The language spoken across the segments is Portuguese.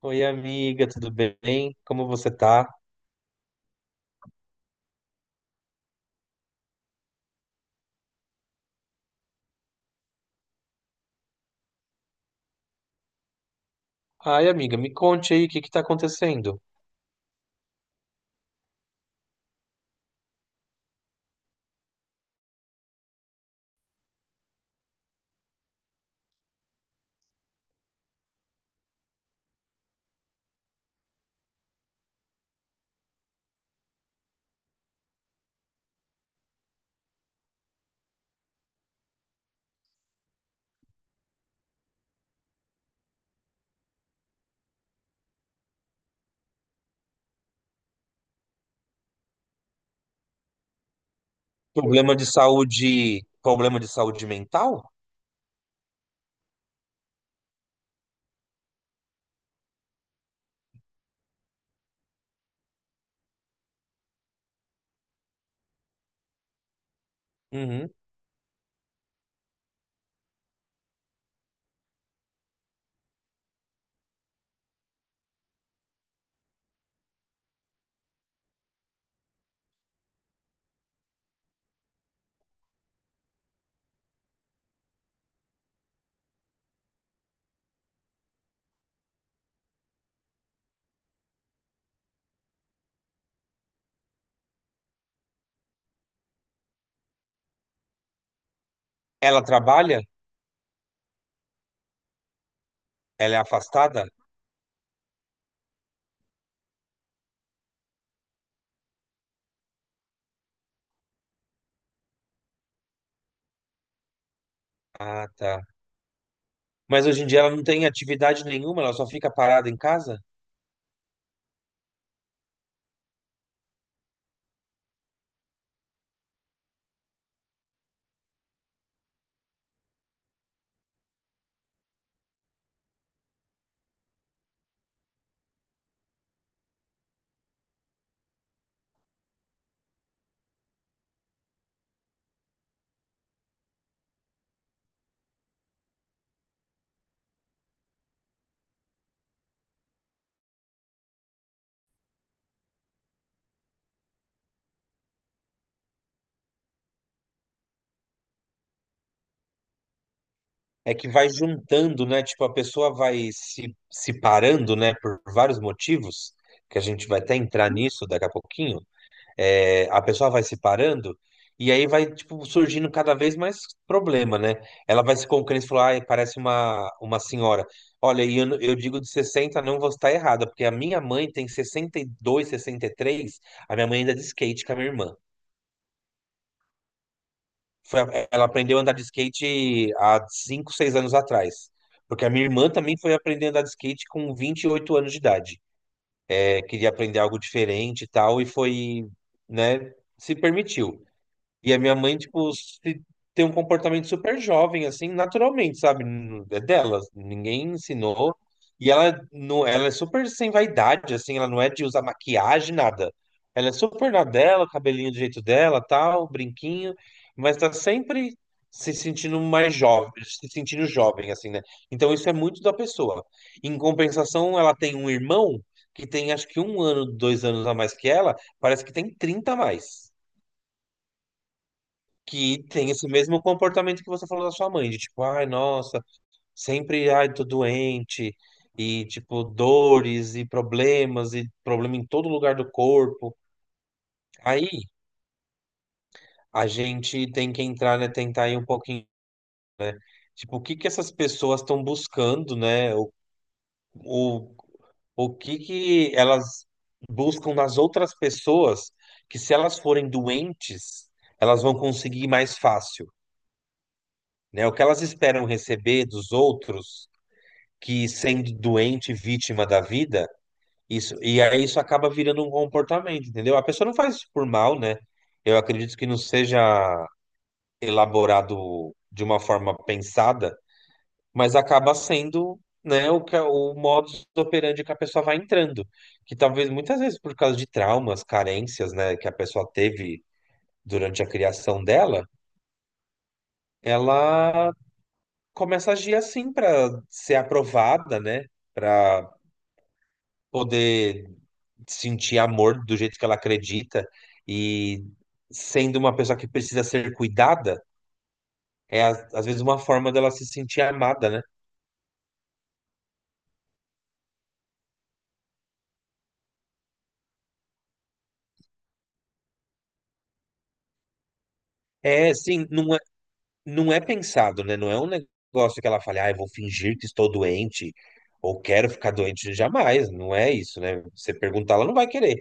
Oi, amiga, tudo bem? Como você tá? Ai, amiga, me conte aí o que que tá acontecendo? Problema de saúde mental? Uhum. Ela trabalha? Ela é afastada? Ah, tá. Mas hoje em dia ela não tem atividade nenhuma, ela só fica parada em casa? É que vai juntando, né? Tipo, a pessoa vai se parando, né? Por vários motivos, que a gente vai até entrar nisso daqui a pouquinho. É, a pessoa vai se parando e aí vai, tipo, surgindo cada vez mais problema, né? Ela vai se concluindo e falou, ai, parece uma senhora. Olha, e eu digo de 60 não vou estar errada, porque a minha mãe tem 60, 62, 63. A minha mãe anda de skate com a minha irmã. Ela aprendeu a andar de skate há 5, 6 anos atrás. Porque a minha irmã também foi aprender a andar de skate com 28 anos de idade. É, queria aprender algo diferente e tal, e foi, né, se permitiu. E a minha mãe, tem um comportamento super jovem, assim, naturalmente, sabe? É dela, ninguém ensinou. E ela, não, ela é super sem vaidade, assim, ela não é de usar maquiagem, nada. Ela é super na dela, cabelinho do jeito dela, tal, brinquinho, mas tá sempre se sentindo mais jovem, se sentindo jovem, assim, né? Então isso é muito da pessoa. Em compensação, ela tem um irmão que tem, acho que, 1 ano, 2 anos a mais que ela, parece que tem 30 a mais, que tem esse mesmo comportamento que você falou da sua mãe, de tipo, ai, nossa, sempre, ai, tô doente, e tipo, dores e problemas, e problema em todo lugar do corpo. Aí a gente tem que entrar, né, tentar ir um pouquinho, tipo, o que que essas pessoas estão buscando, né? O, o que que elas buscam nas outras pessoas, que se elas forem doentes, elas vão conseguir mais fácil. Né? O que elas esperam receber dos outros que sendo doente, vítima da vida, isso, e aí isso acaba virando um comportamento, entendeu? A pessoa não faz isso por mal, né? Eu acredito que não seja elaborado de uma forma pensada, mas acaba sendo, né, é o modus operandi que a pessoa vai entrando, que talvez muitas vezes por causa de traumas, carências, né, que a pessoa teve durante a criação dela, ela começa a agir assim para ser aprovada, né, para poder sentir amor do jeito que ela acredita e sendo uma pessoa que precisa ser cuidada, é às vezes uma forma dela se sentir amada, né? É, sim, não é, não é pensado, né? Não é um negócio que ela fale, ah, eu vou fingir que estou doente ou quero ficar doente jamais, não é isso, né? Você perguntar, ela não vai querer.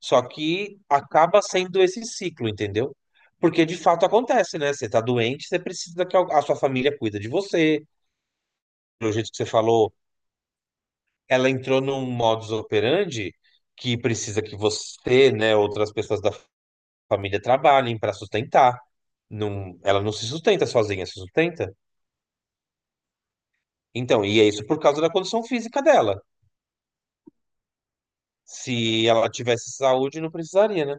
Só que acaba sendo esse ciclo, entendeu? Porque de fato acontece, né? Você tá doente, você precisa que a sua família cuida de você. Do jeito que você falou, ela entrou num modus operandi que precisa que você, né, outras pessoas da família trabalhem para sustentar. Não, ela não se sustenta sozinha, se sustenta. Então, e é isso por causa da condição física dela. Se ela tivesse saúde, não precisaria, né?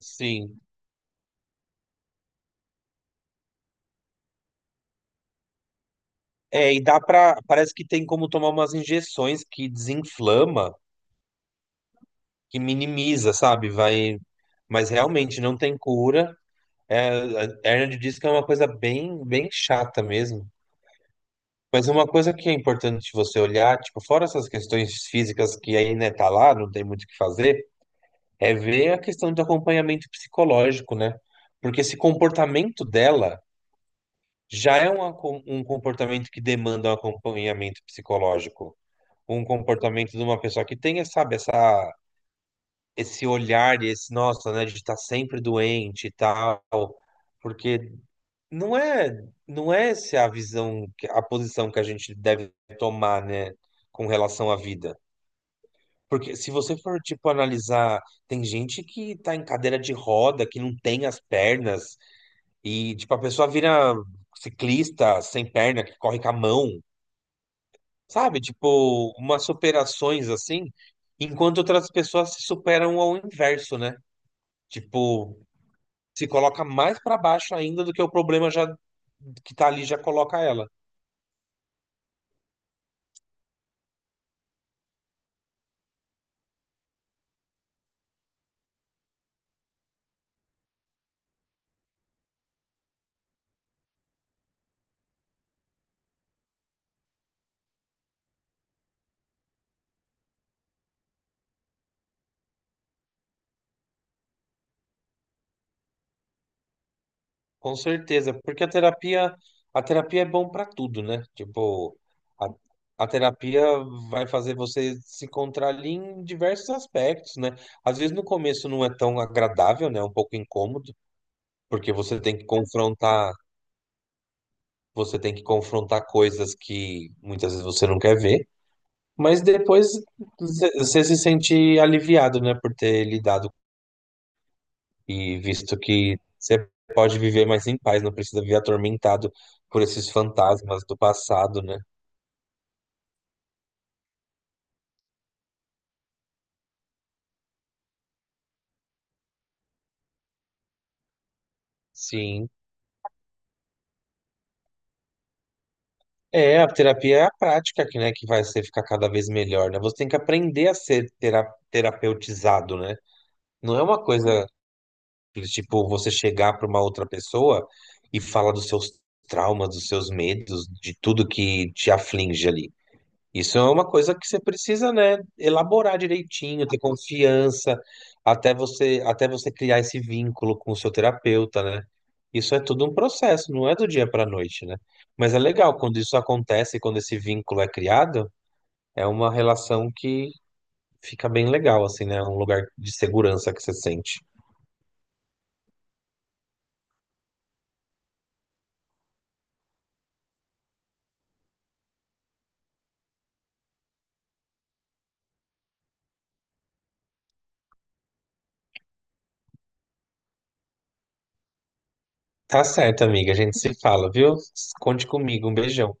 Sim. É, e dá pra. Parece que tem como tomar umas injeções que desinflama, que minimiza, sabe? Vai. Mas realmente não tem cura. É, a Ernest disse que é uma coisa bem, bem chata mesmo. Mas uma coisa que é importante você olhar, tipo, fora essas questões físicas que aí, né, tá lá, não tem muito o que fazer, é ver a questão do acompanhamento psicológico, né? Porque esse comportamento dela já é um comportamento que demanda um acompanhamento psicológico. Um comportamento de uma pessoa que tenha, sabe, essa, esse olhar e esse, nossa, né, de estar sempre doente e tal. Porque não é, não é essa a posição que a gente deve tomar, né, com relação à vida. Porque se você for, tipo, analisar, tem gente que tá em cadeira de roda, que não tem as pernas, e, tipo, a pessoa vira ciclista sem perna, que corre com a mão, sabe? Tipo, umas superações assim, enquanto outras pessoas se superam ao inverso, né? Tipo, se coloca mais pra baixo ainda do que o problema já que tá ali já coloca ela. Com certeza, porque a terapia é bom para tudo, né? Tipo, a, a terapia vai fazer você se encontrar ali em diversos aspectos, né? Às vezes no começo não é tão agradável, né? É um pouco incômodo, porque você tem que confrontar, você tem que confrontar coisas que muitas vezes você não quer ver, mas depois você se sente aliviado, né, por ter lidado. E visto que você pode viver mais em paz, não precisa viver atormentado por esses fantasmas do passado, né? Sim. É, a terapia é a prática que, né, que vai ser ficar cada vez melhor, né? Você tem que aprender a ser terapeutizado, né? Não é uma coisa que, tipo, você chegar para uma outra pessoa e falar dos seus traumas, dos seus medos, de tudo que te aflige ali. Isso é uma coisa que você precisa, né, elaborar direitinho, ter confiança, até você criar esse vínculo com o seu terapeuta, né? Isso é tudo um processo, não é do dia para a noite, né? Mas é legal quando isso acontece, quando esse vínculo é criado, é uma relação que fica bem legal, assim, né? É um lugar de segurança que você sente. Tá certo, amiga, a gente se fala, viu? Conte comigo, um beijão.